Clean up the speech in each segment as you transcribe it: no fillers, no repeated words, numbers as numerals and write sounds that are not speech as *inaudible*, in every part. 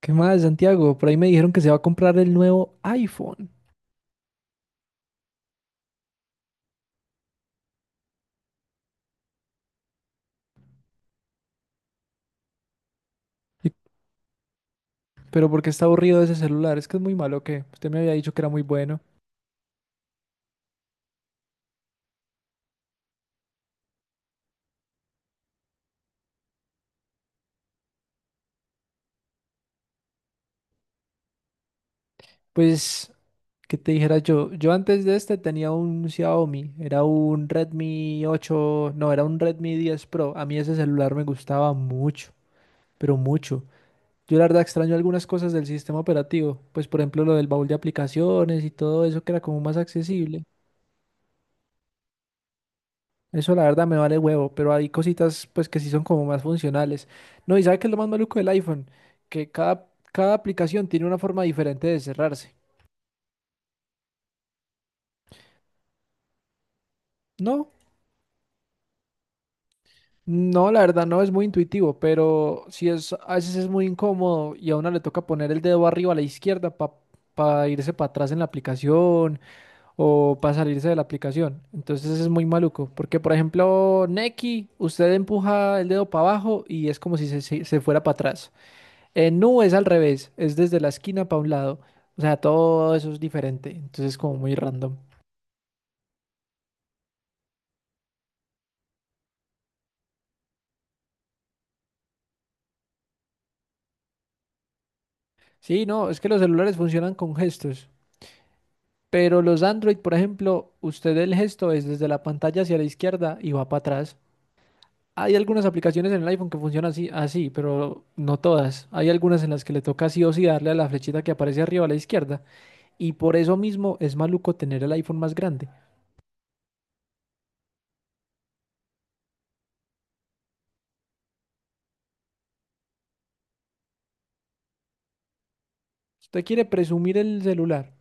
¿Qué más, Santiago? Por ahí me dijeron que se va a comprar el nuevo iPhone. Y- Pero ¿por qué está aburrido ese celular? Es que es muy malo, que usted me había dicho que era muy bueno. Pues, ¿qué te dijera yo? Yo antes de este tenía un Xiaomi, era un Redmi 8. No, era un Redmi 10 Pro. A mí ese celular me gustaba mucho, pero mucho. Yo la verdad extraño algunas cosas del sistema operativo, pues por ejemplo lo del baúl de aplicaciones y todo eso que era como más accesible. Eso la verdad me vale huevo, pero hay cositas pues que sí son como más funcionales. No, ¿y sabe qué es lo más maluco del iPhone? Que cada aplicación tiene una forma diferente de cerrarse. No, no, la verdad no es muy intuitivo, pero sí es, a veces es muy incómodo y a uno le toca poner el dedo arriba a la izquierda para irse para atrás en la aplicación o para salirse de la aplicación. Entonces es muy maluco, porque por ejemplo, Nequi, usted empuja el dedo para abajo y es como si se fuera para atrás. No, es al revés, es desde la esquina para un lado. O sea, todo eso es diferente, entonces es como muy random. Sí, no, es que los celulares funcionan con gestos, pero los Android, por ejemplo, usted el gesto es desde la pantalla hacia la izquierda y va para atrás. Hay algunas aplicaciones en el iPhone que funcionan así, así, pero no todas. Hay algunas en las que le toca sí o sí darle a la flechita que aparece arriba a la izquierda, y por eso mismo es maluco tener el iPhone más grande. ¿Usted quiere presumir el celular?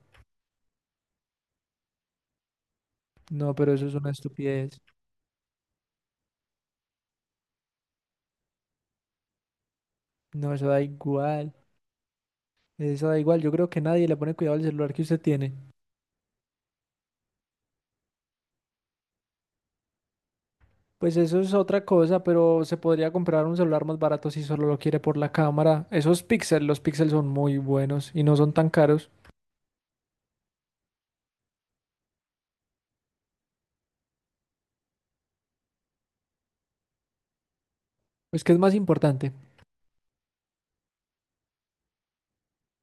No, pero eso es una estupidez. No, eso da igual. Eso da igual, yo creo que nadie le pone cuidado al celular que usted tiene. Pues eso es otra cosa, pero se podría comprar un celular más barato si solo lo quiere por la cámara. Esos píxeles, los píxeles son muy buenos y no son tan caros. Pues, ¿qué es más importante?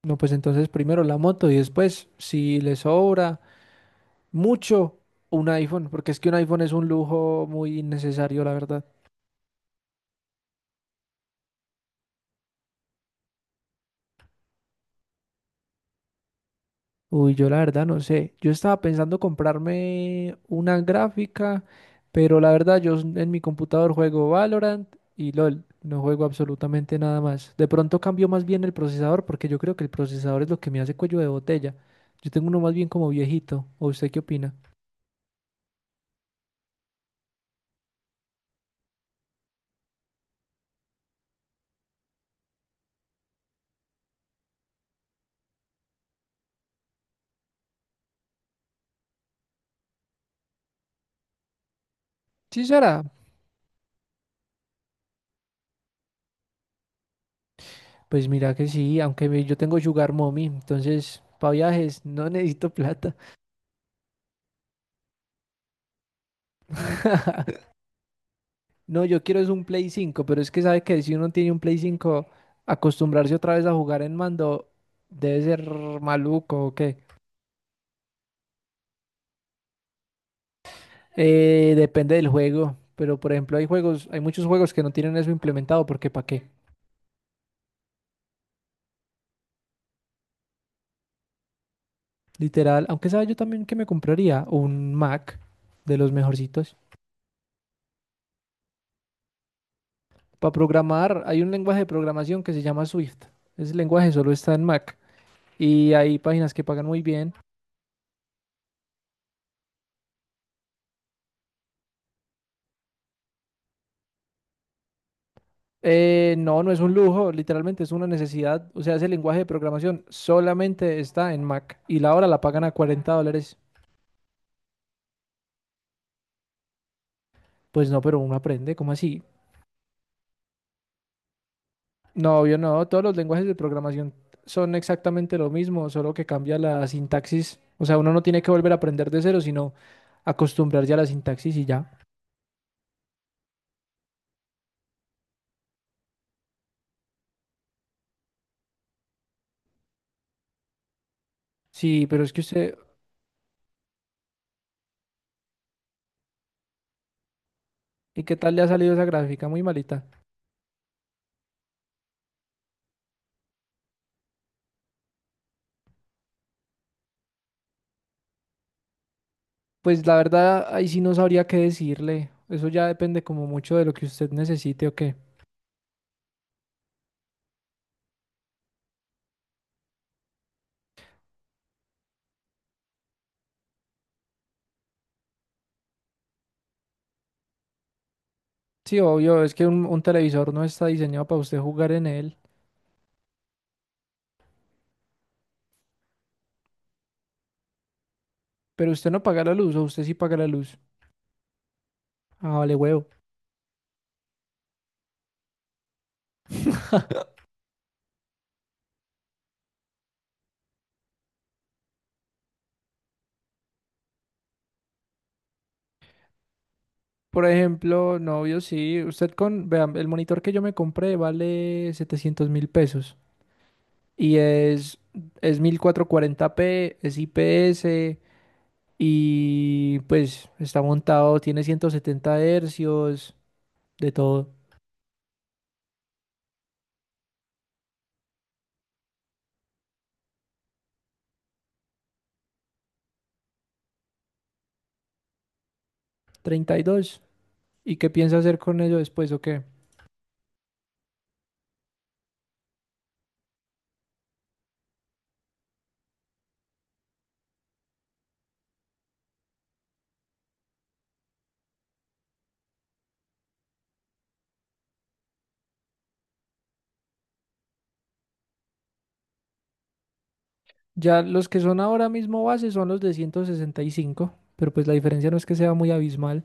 No, pues entonces primero la moto y después, si le sobra mucho, un iPhone, porque es que un iPhone es un lujo muy innecesario, la verdad. Uy, yo la verdad no sé. Yo estaba pensando comprarme una gráfica, pero la verdad yo en mi computador juego Valorant y LOL. No juego absolutamente nada más. De pronto cambio más bien el procesador porque yo creo que el procesador es lo que me hace cuello de botella. Yo tengo uno más bien como viejito. ¿O usted qué opina? Sí, será. Pues mira que sí, aunque yo tengo Sugar Mommy, entonces para viajes no necesito plata. *laughs* No, yo quiero es un Play 5, pero es que sabe que si uno tiene un Play 5 acostumbrarse otra vez a jugar en mando debe ser maluco o qué. Depende del juego, pero por ejemplo hay juegos, hay muchos juegos que no tienen eso implementado porque ¿para qué? Literal, aunque sabe yo también que me compraría un Mac de los mejorcitos. Para programar hay un lenguaje de programación que se llama Swift. Ese lenguaje solo está en Mac y hay páginas que pagan muy bien. No, no es un lujo, literalmente es una necesidad. O sea, ese lenguaje de programación solamente está en Mac y la hora la pagan a $40. Pues no, pero uno aprende, ¿cómo así? No, obvio no, todos los lenguajes de programación son exactamente lo mismo, solo que cambia la sintaxis. O sea, uno no tiene que volver a aprender de cero, sino acostumbrarse a la sintaxis y ya. Sí, pero es que usted, ¿y qué tal le ha salido esa gráfica? Muy malita. Pues la verdad, ahí sí no sabría qué decirle. Eso ya depende como mucho de lo que usted necesite o qué. Sí, obvio, es que un televisor no está diseñado para usted jugar en él, pero usted no paga la luz o usted sí paga la luz. Ah, vale, huevo. Por ejemplo, no, obvio, sí, usted con, vean, el monitor que yo me compré vale 700.000 pesos y es 1440 p, es IPS y pues está montado, tiene 170 hercios, de todo, 32. ¿Y qué piensa hacer con ello después o qué? Ya los que son ahora mismo base son los de 165, pero pues la diferencia no es que sea muy abismal,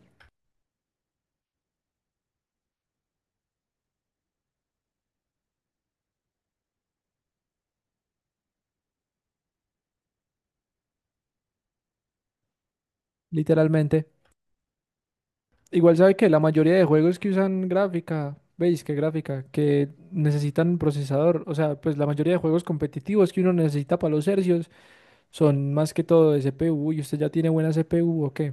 literalmente. Igual sabe que la mayoría de juegos que usan gráfica, ¿veis qué gráfica? Que necesitan procesador, o sea, pues la mayoría de juegos competitivos que uno necesita para los hercios son más que todo de CPU y usted ya tiene buena CPU o qué.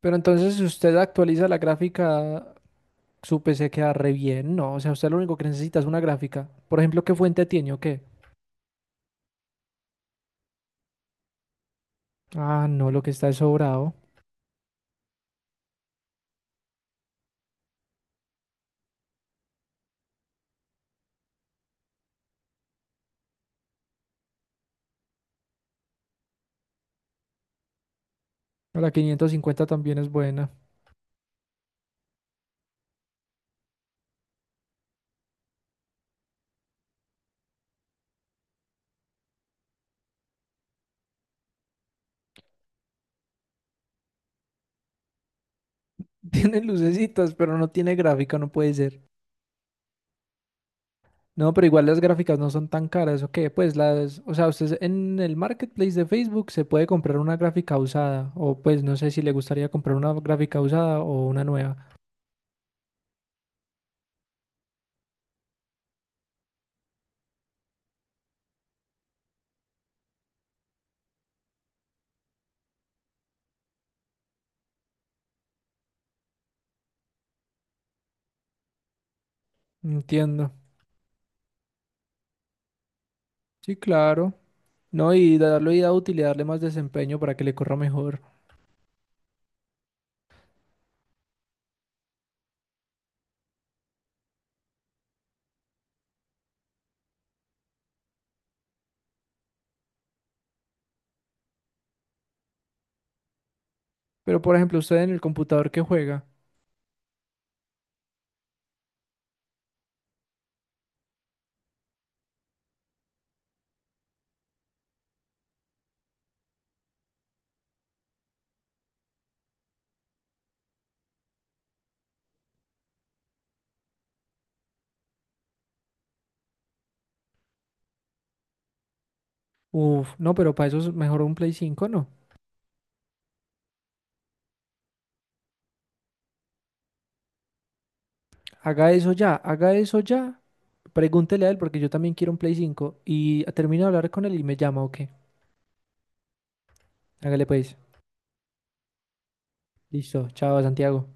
Pero entonces si usted actualiza la gráfica, su PC queda re bien, ¿no? O sea, usted lo único que necesita es una gráfica. Por ejemplo, ¿qué fuente tiene o qué? Ah, no, lo que está es sobrado. No, la 550 también es buena. *laughs* Tiene lucecitas, pero no tiene gráfica, no puede ser. No, pero igual las gráficas no son tan caras, ¿o qué? Pues las, o sea, usted en el marketplace de Facebook se puede comprar una gráfica usada, o pues no sé si le gustaría comprar una gráfica usada o una nueva. Entiendo. Sí, claro. No, y darle vida útil y darle más desempeño para que le corra mejor. Pero por ejemplo, usted en el computador que juega. Uf, no, pero para eso es mejor un Play 5, ¿no? Haga eso ya, haga eso ya. Pregúntele a él porque yo también quiero un Play 5 y termino de hablar con él y me llama, ¿o qué? Hágale pues. Listo. Chao, Santiago.